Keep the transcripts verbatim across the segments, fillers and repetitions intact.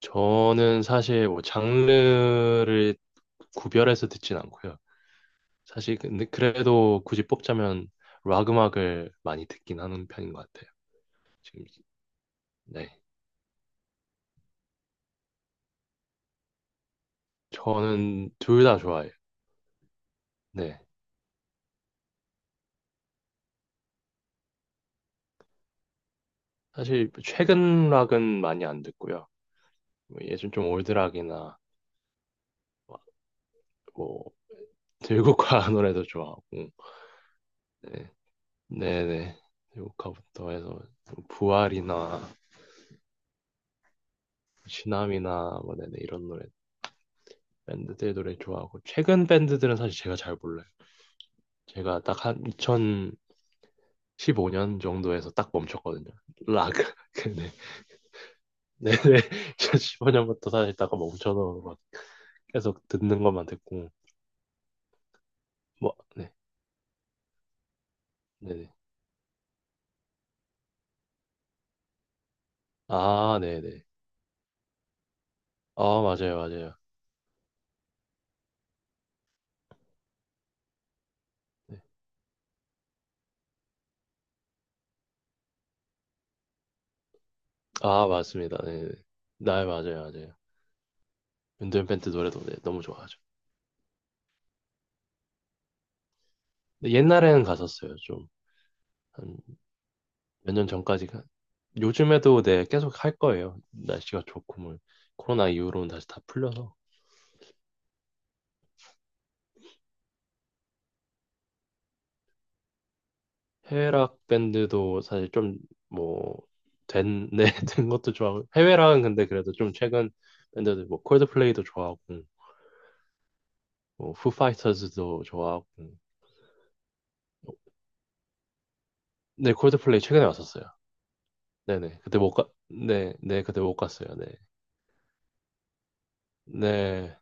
저는 사실 뭐 장르를 구별해서 듣진 않고요. 사실 근데 그래도 굳이 뽑자면 락 음악을 많이 듣긴 하는 편인 것 같아요. 지금 네, 저는 둘 다 좋아해요. 네, 사실 최근 락은 많이 안 듣고요. 뭐 예전 좀 올드 락이나 뭐 들국화 노래도 좋아하고 네, 네네 들국화부터 해서 부활이나 시남이나 뭐 네네 이런 노래 밴드들 노래 좋아하고 최근 밴드들은 사실 제가 잘 몰라요. 제가 딱 한 이천십오 년 정도에서 딱 멈췄거든요. 락. 근데 네네 이천십오 년부터 사실 딱 멈춰서 막 계속 듣는 것만 듣고 뭐 네. 네네. 아 네네. 아 맞아요 맞아요. 네. 아 맞습니다. 네네. 네 네, 맞아요 맞아요. 윤도현 밴드 노래도 네, 너무 좋아하죠. 근데 옛날에는 갔었어요 좀. 한 몇 년 전까지가 요즘에도 네 계속 할 거예요. 날씨가 좋고 뭐 코로나 이후로는 다시 다 풀려서 해외락 밴드도 사실 좀뭐된 네, 된 것도 좋아하고 해외락은 근데 그래도 좀 최근 밴드들 뭐 콜드플레이도 좋아하고 뭐 후파이터즈도 좋아하고 네 콜드플레이 최근에 왔었어요. 네네 그때 못 가, 네, 네 그때 못 갔어요. 네, 네,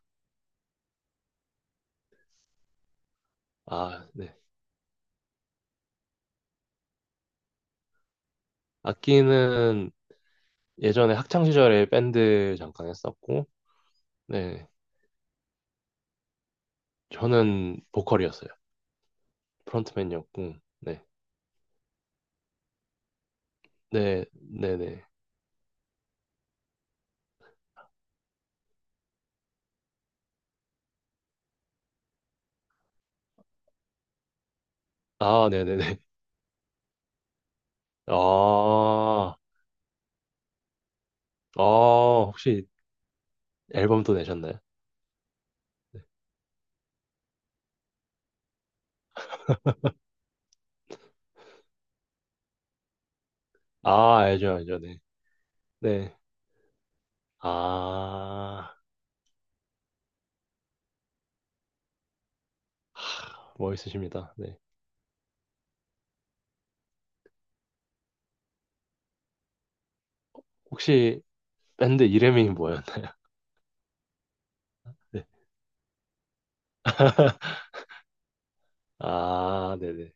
아, 네 악기는 예전에 학창 시절에 밴드 잠깐 했었고 네 저는 보컬이었어요. 프론트맨이었고, 네. 네, 네네. 아, 네네네. 아, 아, 혹시 앨범도 내셨나요? 아, 알죠, 알죠, 네. 네. 아, 하, 멋있으십니다. 네. 혹시 밴드 이름이 뭐였나? 네. 아, 네네.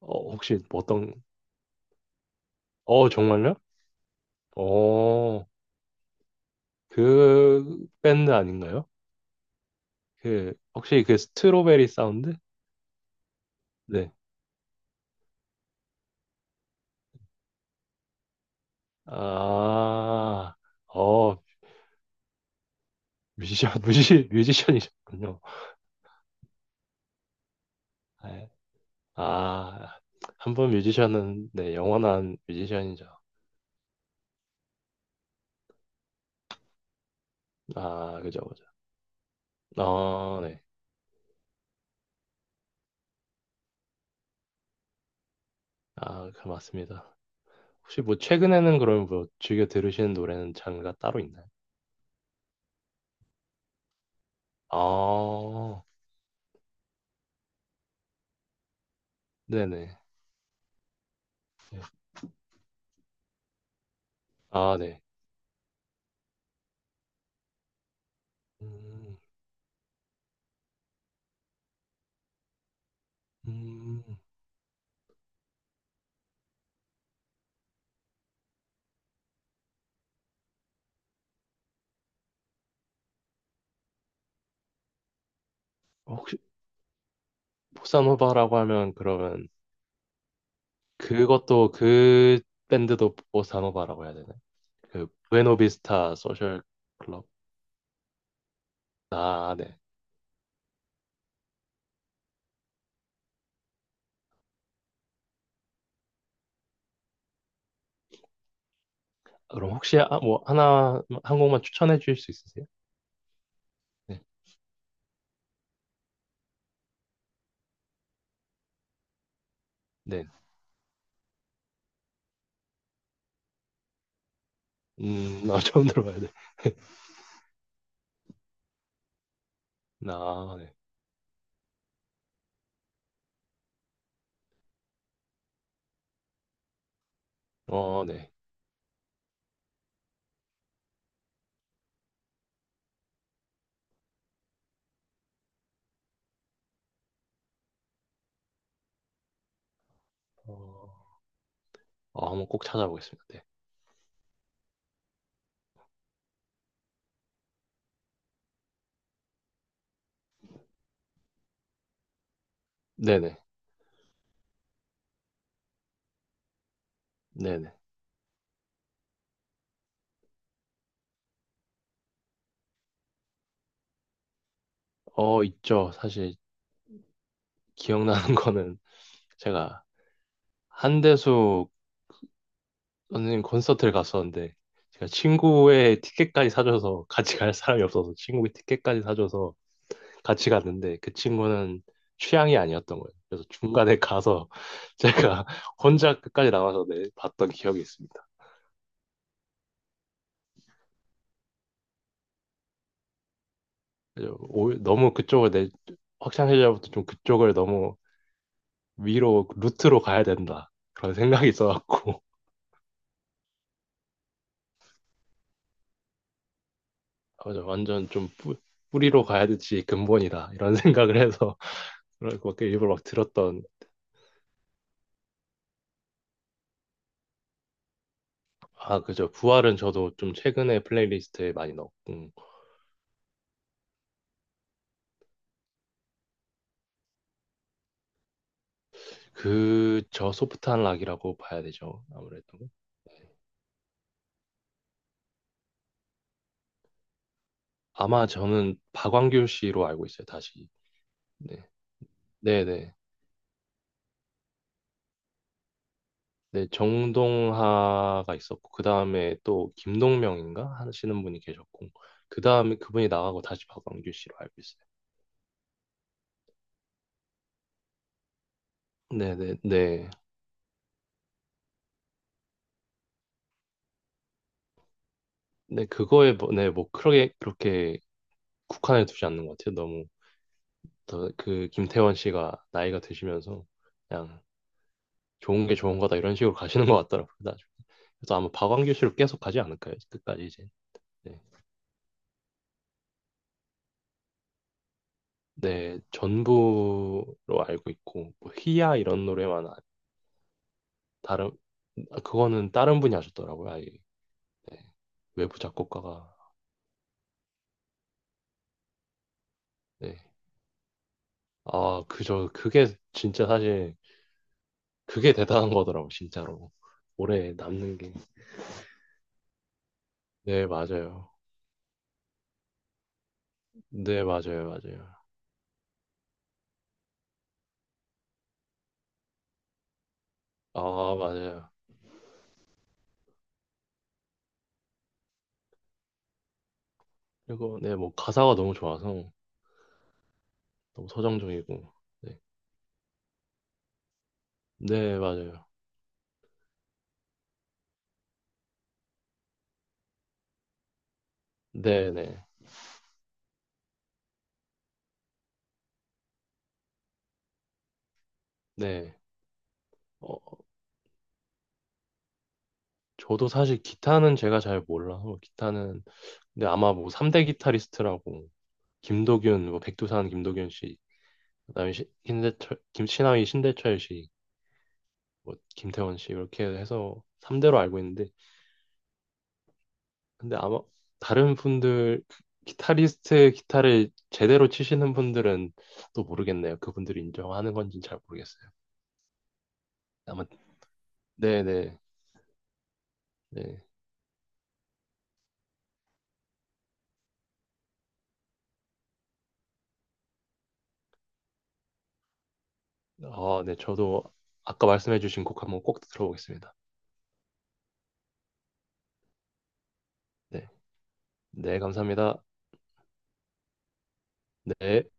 어, 혹시 뭐 어떤, 어, 정말요? 어, 그 밴드 아닌가요? 그, 혹시 그 스트로베리 사운드? 네. 아, 어, 뮤지션, 뮤지, 뮤지션이셨군요. 네. 아, 한 번 뮤지션은, 네, 영원한 뮤지션이죠. 아, 그죠, 그죠. 아, 네. 아, 그 맞습니다. 혹시 뭐, 최근에는 그럼 뭐, 즐겨 들으시는 노래는 장르가 따로 있나요? 아, 네네. 네. 아, 네. 음, 음. 혹시, 보사노바라고 하면, 그러면, 그것도, 그 밴드도 보사노바라고 해야 되나요? 그 부에노비스타 소셜 클럽. 아, 네. 그럼 혹시 아, 뭐 하나 한 곡만 추천해 주실 수 있으세요? 네. 네. 음, 아, 처음 들어봐야 돼. 아, 네. 어, 네. 어, 어, 한번 꼭 찾아보겠습니다. 네. 네네. 네네. 어, 있죠. 사실 기억나는 거는 제가 한대수 선생님 콘서트를 갔었는데 제가 친구의 티켓까지 사줘서 같이 갈 사람이 없어서 친구의 티켓까지 사줘서 같이 갔는데 그 친구는 취향이 아니었던 거예요. 그래서 중간에 가서 제가 혼자 끝까지 남아서 내 봤던 기억이 있습니다. 그래서 오- 너무 그쪽을 내 확장세자부터 좀 그쪽을 너무 위로 루트로 가야 된다 그런 생각이 있어갖고 맞아, 완전 좀 뿌, 뿌리로 가야 되지 근본이다 이런 생각을 해서 그걸 막 일부러 막 들었던 아 그죠 부활은 저도 좀 최근에 플레이리스트에 많이 넣었고 그 저 소프트한 락이라고 봐야 되죠 아무래도 네. 아마 저는 박완규 씨로 알고 있어요, 다시. 네. 네네. 네, 정동하가 있었고, 그 다음에 또 김동명인가? 하시는 분이 계셨고, 그 다음에 그분이 나가고 다시 박완규 씨로 알고 있어요. 네네, 네. 네, 그거에, 뭐, 네, 뭐, 그렇게, 그렇게 국한해 두지 않는 것 같아요. 너무, 더, 그, 김태원 씨가 나이가 드시면서, 그냥, 좋은 게 좋은 거다, 이런 식으로 가시는 것 같더라고요, 나중에. 그래서 아마 박완규 씨로 계속 가지 않을까요? 끝까지 이제. 네. 네, 전부로 알고 있고 뭐 희야 이런 노래만 아- 다른 아, 그거는 다른 분이 하셨더라고요. 아예. 네. 외부 작곡가가 네. 아, 그저 그게 진짜 사실 그게 대단한 거더라고 진짜로. 오래 남는 게. 네, 맞아요. 네, 맞아요. 맞아요. 아, 맞아요. 그리고 네, 뭐 가사가 너무 좋아서 너무 서정적이고. 네. 네, 맞아요. 네, 네. 네. 어, 저도 사실 기타는 제가 잘 몰라서 기타는 근데 아마 뭐 삼 대 기타리스트라고 김도균, 뭐 백두산 김도균 씨, 그다음에 시, 대철 김신하위 신대철 씨, 뭐 김태원 씨 이렇게 해서 삼 대로 알고 있는데 근데 아마 다른 분들 기타리스트 기타를 제대로 치시는 분들은 또 모르겠네요. 그분들이 인정하는 건지는 잘 모르겠어요. 아마 네네 네. 네. 아, 네. 저도 아까 말씀해 주신 곡 한번 꼭 들어보겠습니다. 네. 네, 감사합니다. 네.